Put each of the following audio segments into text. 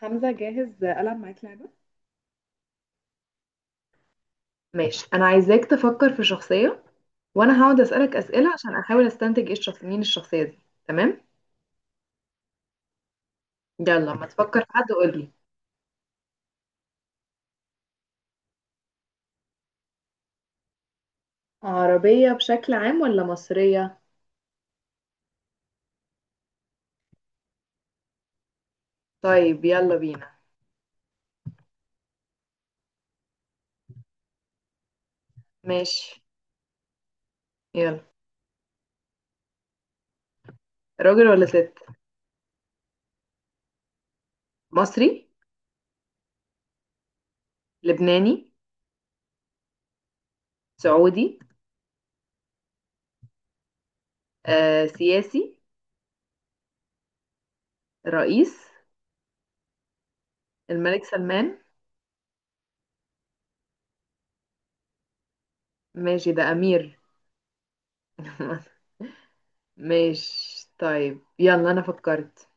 حمزة، جاهز ألعب معاك لعبة؟ ماشي. انا عايزاك تفكر في شخصية، وانا هقعد اسالك اسئله عشان احاول استنتج ايه الشخص، مين الشخصية دي. تمام. يلا لما تفكر في حد قول لي. عربية بشكل عام ولا مصرية؟ طيب يلا بينا. ماشي يلا. راجل ولا ست؟ مصري؟ لبناني؟ سعودي؟ سياسي. رئيس؟ الملك سلمان. ماشي ده امير. ماشي طيب يلا انا فكرت.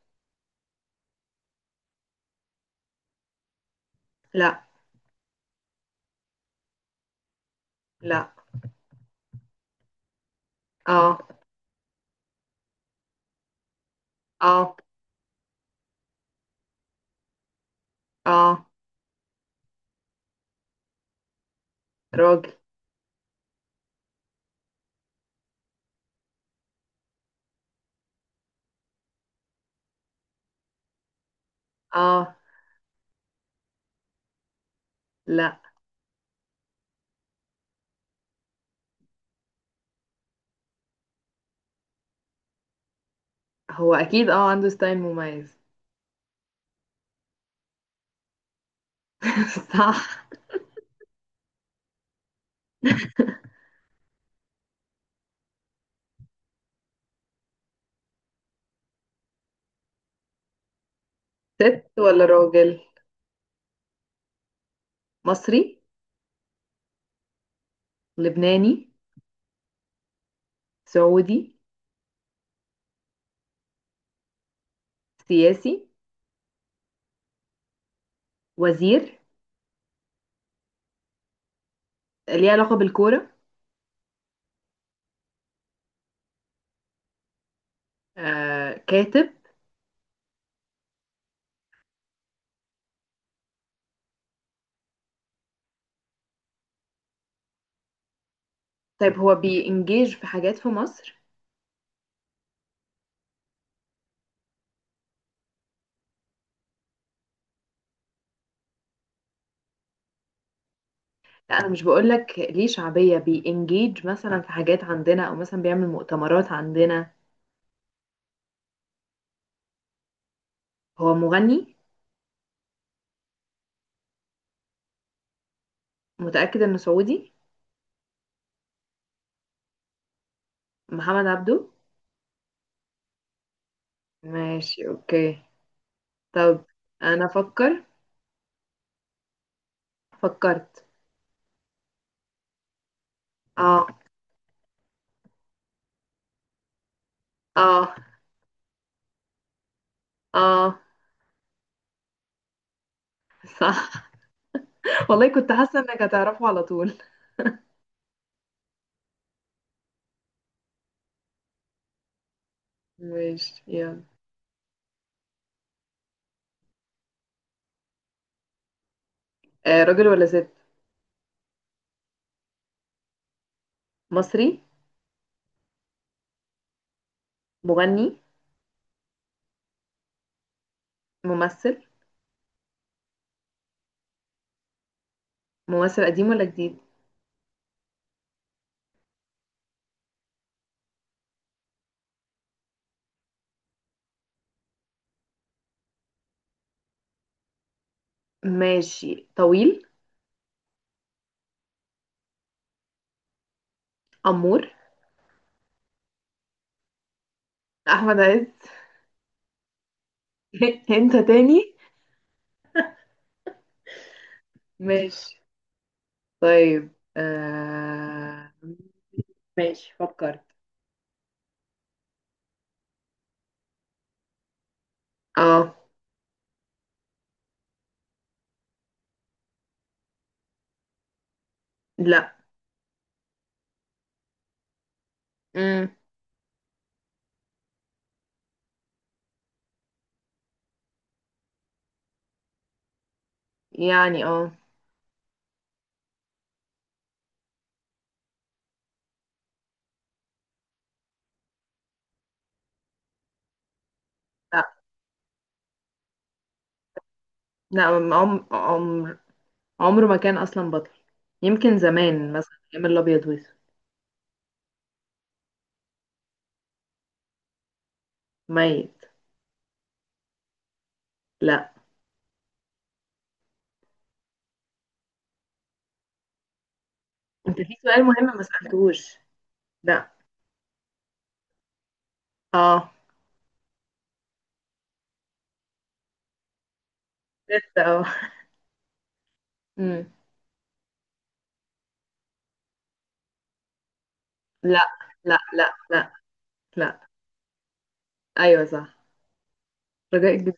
لا. لا. اه. اه. اه. راجل. اه. لا. هو اكيد اه عنده ستايل مميز. صح. ست ولا راجل؟ مصري؟ لبناني؟ سعودي؟ سياسي؟ وزير؟ ليه علاقة بالكورة؟ كاتب؟ طيب هو بينجيج في حاجات في مصر؟ لا، انا مش بقول لك ليه شعبية، بينجيج مثلا في حاجات عندنا او مثلا بيعمل مؤتمرات عندنا. هو مغني؟ متأكد انه سعودي؟ محمد عبده. ماشي اوكي. طب انا افكر. فكرت. اه. اه. اه. صح. والله كنت حاسه انك هتعرفه على طول. ماشي يلا. راجل ولا ست؟ مصري؟ مغني؟ ممثل؟ ممثل قديم ولا جديد؟ ماشي. طويل؟ امور. احمد عز. انت تاني. ماشي. طيب. ماشي فكرت. اه. لا. مم. يعني اه. لا. لا. عم... عم... عمره ما كان اصلا بطل. يمكن زمان مثلا ايام الابيض واسود. ميت. لا. انت في سؤال مهم ما سالتهوش. لا. اه. لسه اه. مم. لا لا لا لا لا. ايوه صح. رجاء جدا.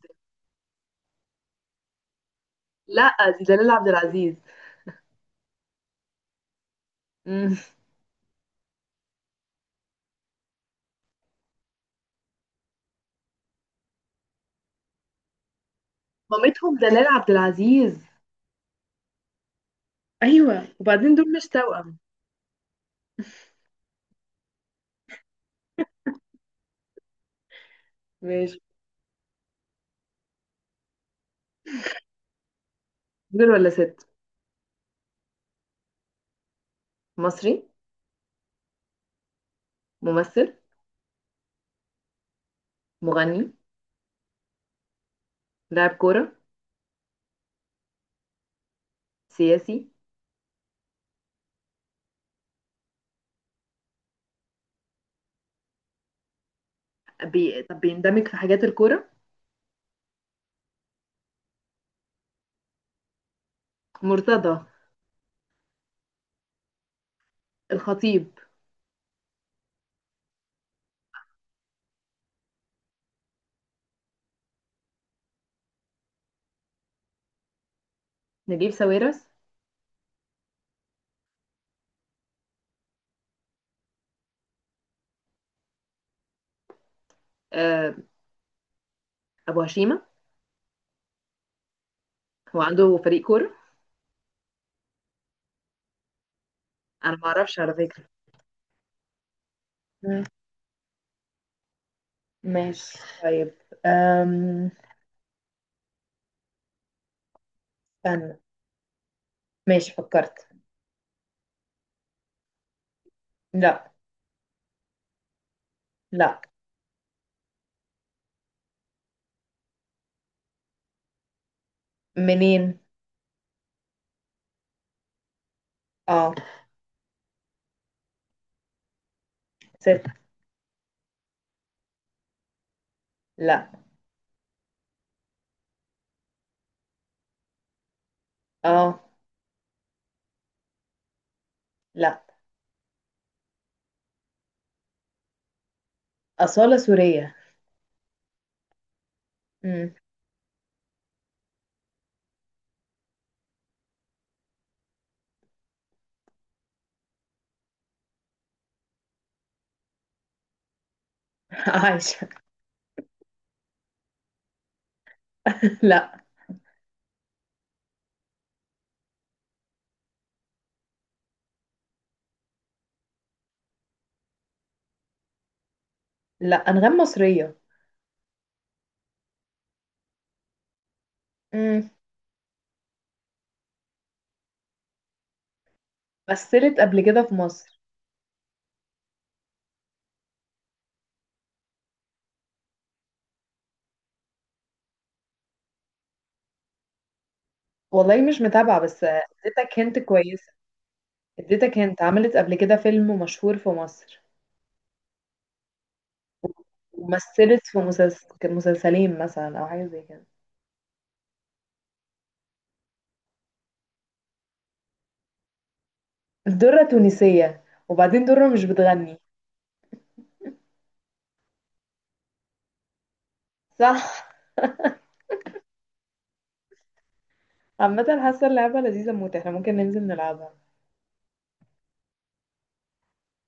لا دي دلال عبد العزيز. مم. مامتهم دلال عبد العزيز. ايوه وبعدين دول مش توأم. ماشي. راجل ولا ست؟ مصري؟ ممثل؟ مغني؟ لاعب كورة؟ سياسي؟ طب بيندمج في حاجات الكورة؟ مرتضى؟ الخطيب؟ نجيب ساويرس؟ آه، ابو هشيمه. هو عنده فريق كوره؟ انا ما اعرفش على فكره. مم. ماشي طيب. أم... استنى. ماشي فكرت. لا. لا. منين؟ اه. ست. لا. اه. لا. أصالة سورية. مم. عايشة. لا. لا، أنغام مصرية. مم. مثلت قبل كده في مصر؟ والله مش متابعة، بس اديتك هنت كويسة. اديتك هنت عملت قبل كده فيلم مشهور في مصر، ومثلت في مسلسلين مثلا او حاجه زي كده. الدره تونسيه، وبعدين دره مش بتغني. صح. عامه حاسه اللعبه لذيذه موت، احنا ممكن ننزل نلعبها.